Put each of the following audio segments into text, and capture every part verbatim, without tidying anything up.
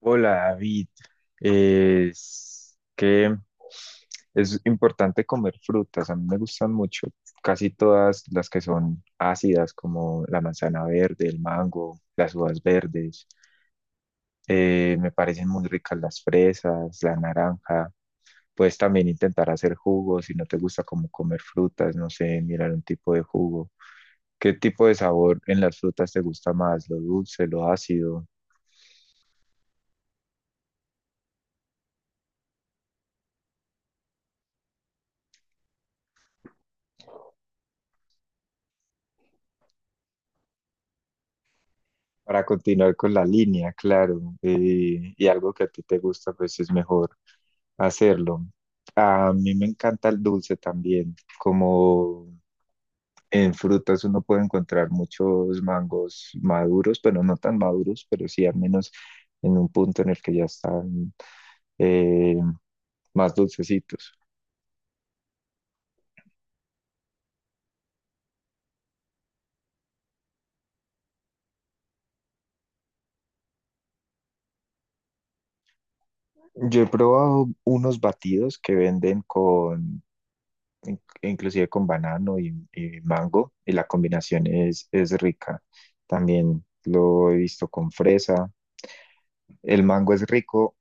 Hola David, es que es importante comer frutas, a mí me gustan mucho, casi todas las que son ácidas como la manzana verde, el mango, las uvas verdes. Eh, me parecen muy ricas las fresas, la naranja. Puedes también intentar hacer jugos si no te gusta como comer frutas, no sé, mirar un tipo de jugo. ¿Qué tipo de sabor en las frutas te gusta más? ¿Lo dulce, lo ácido? Para continuar con la línea, claro, eh, y algo que a ti te gusta, pues es mejor hacerlo. A mí me encanta el dulce también, como en frutas uno puede encontrar muchos mangos maduros, pero no tan maduros, pero sí al menos en un punto en el que ya están eh, más dulcecitos. Yo he probado unos batidos que venden con in- inclusive con banano y, y mango, y la combinación es, es rica. También lo he visto con fresa. El mango es rico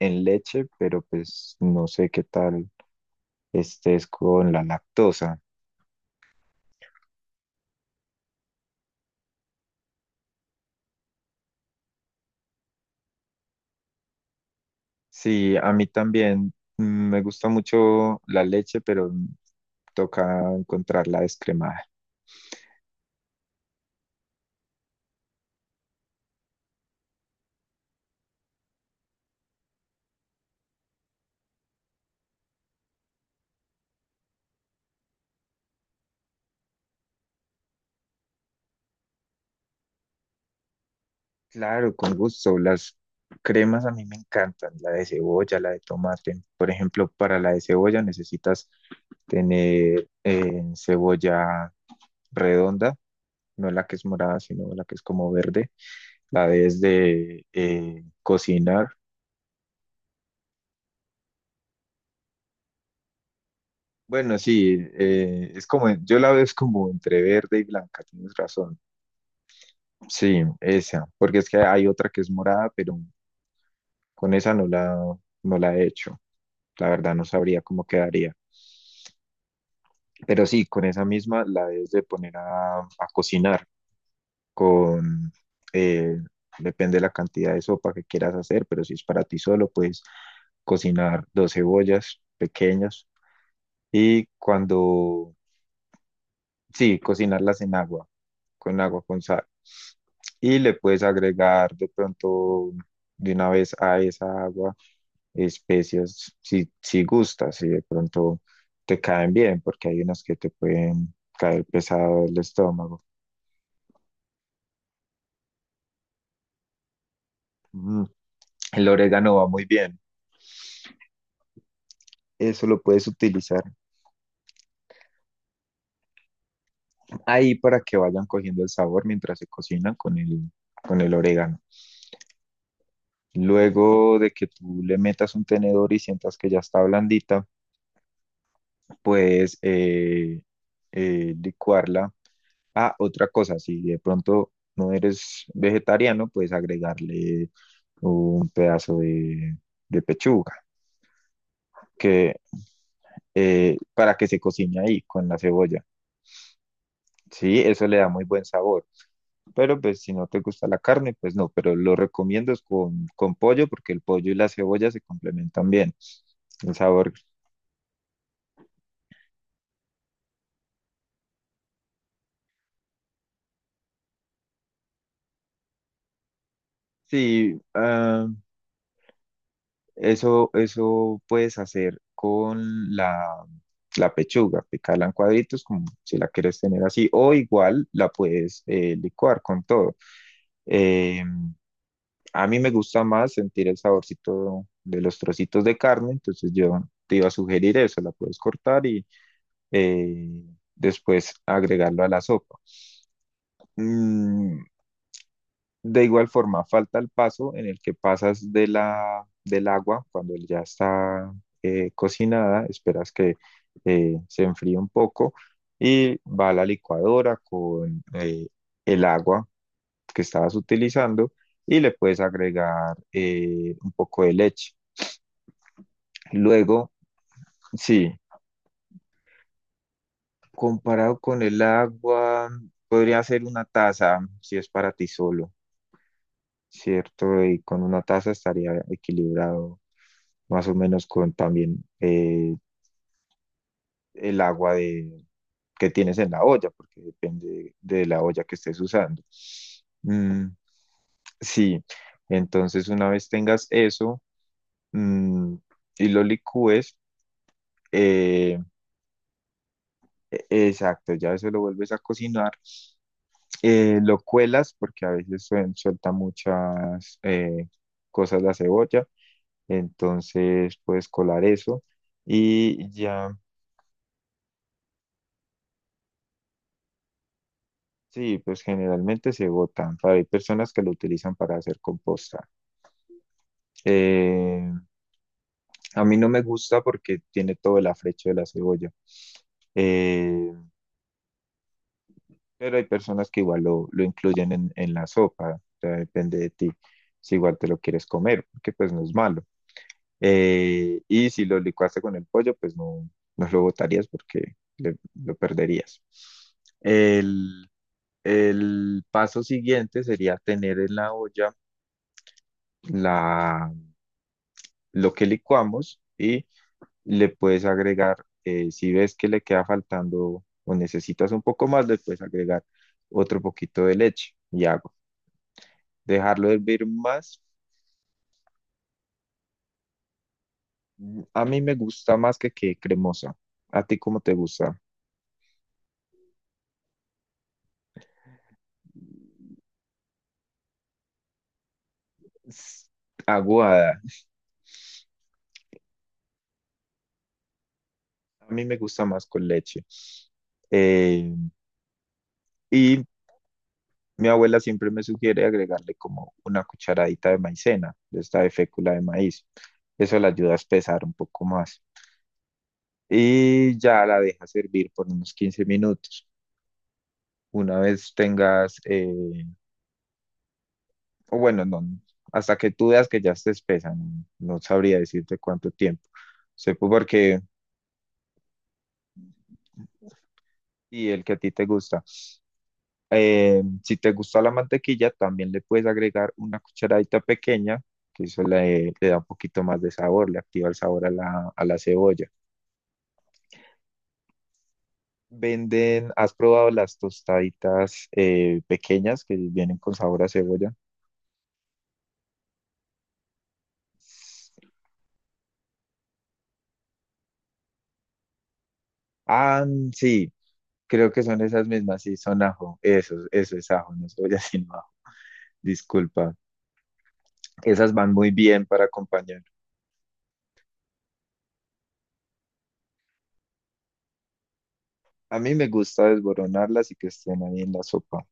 en leche, pero pues no sé qué tal estés con la lactosa. Sí, a mí también, mm, me gusta mucho la leche, pero toca encontrarla descremada. Claro, con gusto. Las cremas a mí me encantan, la de cebolla, la de tomate. Por ejemplo, para la de cebolla necesitas tener eh, cebolla redonda, no la que es morada, sino la que es como verde, la debes de eh, cocinar. Bueno, sí, eh, es como, yo la veo es como entre verde y blanca, tienes razón. Sí, esa, porque es que hay otra que es morada, pero con esa no la, no la he hecho. La verdad no sabría cómo quedaría. Pero sí, con esa misma la debes de poner a, a cocinar. con, eh, Depende de la cantidad de sopa que quieras hacer, pero si es para ti solo, puedes cocinar dos cebollas pequeñas y cuando... Sí, cocinarlas en agua, con agua con sal. Y le puedes agregar de pronto de una vez a esa agua especias si, si gustas, si de pronto te caen bien, porque hay unas que te pueden caer pesado el estómago. Mm, El orégano va muy bien. Eso lo puedes utilizar ahí para que vayan cogiendo el sabor mientras se cocinan con el, con el orégano. Luego de que tú le metas un tenedor y sientas que ya está blandita, puedes eh, eh, licuarla. Ah, otra cosa, si de pronto no eres vegetariano, puedes agregarle un pedazo de, de pechuga que, eh, para que se cocine ahí con la cebolla. Sí, eso le da muy buen sabor. Pero pues si no te gusta la carne, pues no, pero lo recomiendo es con, con pollo porque el pollo y la cebolla se complementan bien. El sabor. Sí, ah, eso, eso puedes hacer con la, la pechuga, picarla en cuadritos como si la quieres tener así, o igual la puedes eh, licuar con todo. Eh, a mí me gusta más sentir el saborcito de los trocitos de carne, entonces yo te iba a sugerir eso, la puedes cortar y eh, después agregarlo a la sopa. Mm, de igual forma, falta el paso en el que pasas de la, del agua cuando ya está eh, cocinada, esperas que eh, se enfríe un poco y va a la licuadora con eh, el agua que estabas utilizando y le puedes agregar eh, un poco de leche. Luego, sí, comparado con el agua, podría ser una taza si es para ti solo. ¿Cierto? Y con una taza estaría equilibrado más o menos con también eh, el agua de, que tienes en la olla, porque depende de la olla que estés usando. Mm, sí, entonces una vez tengas eso, mm, y lo licúes, eh, e- exacto, ya eso lo vuelves a cocinar, eh, lo cuelas porque a veces suel- suelta muchas eh, cosas la cebolla. Entonces puedes colar eso y ya. Sí, pues generalmente se botan. Hay personas que lo utilizan para hacer composta. Eh, a mí no me gusta porque tiene todo el afrecho de la cebolla. Eh, pero hay personas que igual lo, lo incluyen en, en la sopa, o sea, depende de ti si igual te lo quieres comer, porque pues no es malo. Eh, y si lo licuaste con el pollo, pues no, no lo botarías porque le- lo perderías. El, El paso siguiente sería tener en la olla la, lo que licuamos y le puedes agregar, eh, si ves que le queda faltando o necesitas un poco más, le puedes agregar otro poquito de leche y agua. Dejarlo hervir más. Mm, A mí me gusta más que quede cremosa. ¿A ti cómo te gusta? S- Aguada. A mí me gusta más con leche. Eh, y Mi abuela siempre me sugiere agregarle como una cucharadita de maicena, de esta de fécula de maíz. Eso la ayuda a espesar un poco más. Y ya la deja servir por unos quince minutos. Una vez tengas, eh, o bueno, no, hasta que tú veas que ya esté espesa, no, no sabría decirte cuánto tiempo. Sé porque, y el que a ti te gusta. Eh, si te gusta la mantequilla, también le puedes agregar una cucharadita pequeña, que eso le, le da un poquito más de sabor, le activa el sabor a la, a la cebolla. Venden, ¿has probado las tostaditas eh, pequeñas que vienen con sabor a cebolla? Ah, sí, creo que son esas mismas, sí, son ajo, eso, eso es ajo, no cebolla sino ajo, disculpa. Esas van muy bien para acompañar. A mí me gusta desboronarlas y que estén ahí en la sopa.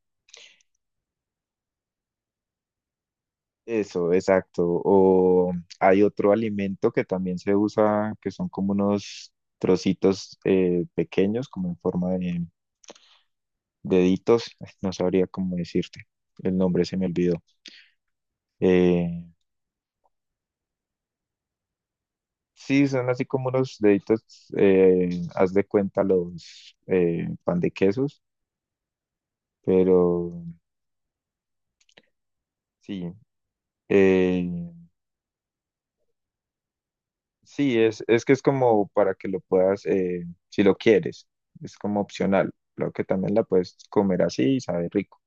Eso, exacto. O hay otro alimento que también se usa, que son como unos trocitos eh, pequeños, como en forma de deditos. No sabría cómo decirte. El nombre se me olvidó. Eh, sí, son así como unos deditos, eh, haz de cuenta los eh, pan de quesos, pero sí. eh, Sí, es, es que es como para que lo puedas, eh, si lo quieres, es como opcional. Claro que también la puedes comer así y sabe rico.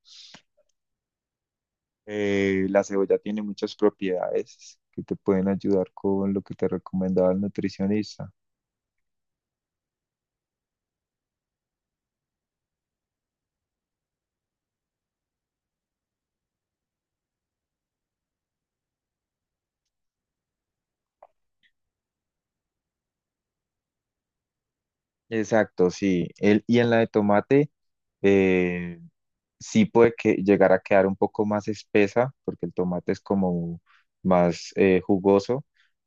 Eh, la cebolla tiene muchas propiedades que te pueden ayudar con lo que te recomendaba el nutricionista. Exacto, sí. El, y en la de tomate, eh, sí puede que llegar a quedar un poco más espesa, porque el tomate es como más eh, jugoso.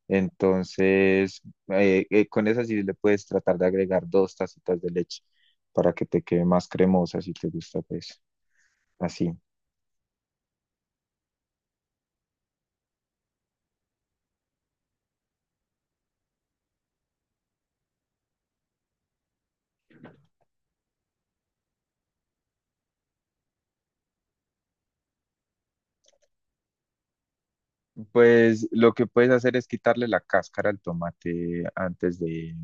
Entonces, eh, eh, con esa sí le puedes tratar de agregar dos tacitas de leche para que te quede más cremosa si te gusta, pues así. Pues lo que puedes hacer es quitarle la cáscara al tomate antes de,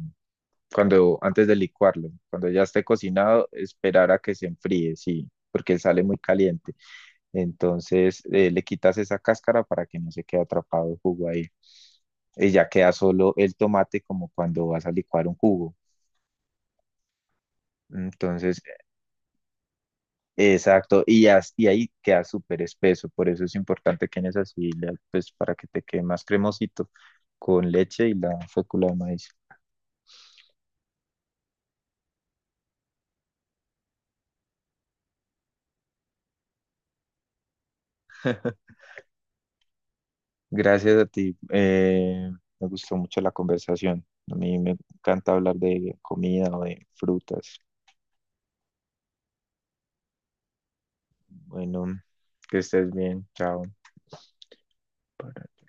cuando, antes de licuarlo. Cuando ya esté cocinado, esperar a que se enfríe, sí, porque sale muy caliente. Entonces eh, le quitas esa cáscara para que no se quede atrapado el jugo ahí. Y ya queda solo el tomate como cuando vas a licuar un jugo. Entonces, exacto, y, as- y ahí queda súper espeso, por eso es importante que en esa sí, le- pues para que te quede más cremosito, con leche y la fécula de maíz. Gracias a ti, eh, me gustó mucho la conversación, a mí me encanta hablar de comida o de frutas. Bueno, que estés bien, chao.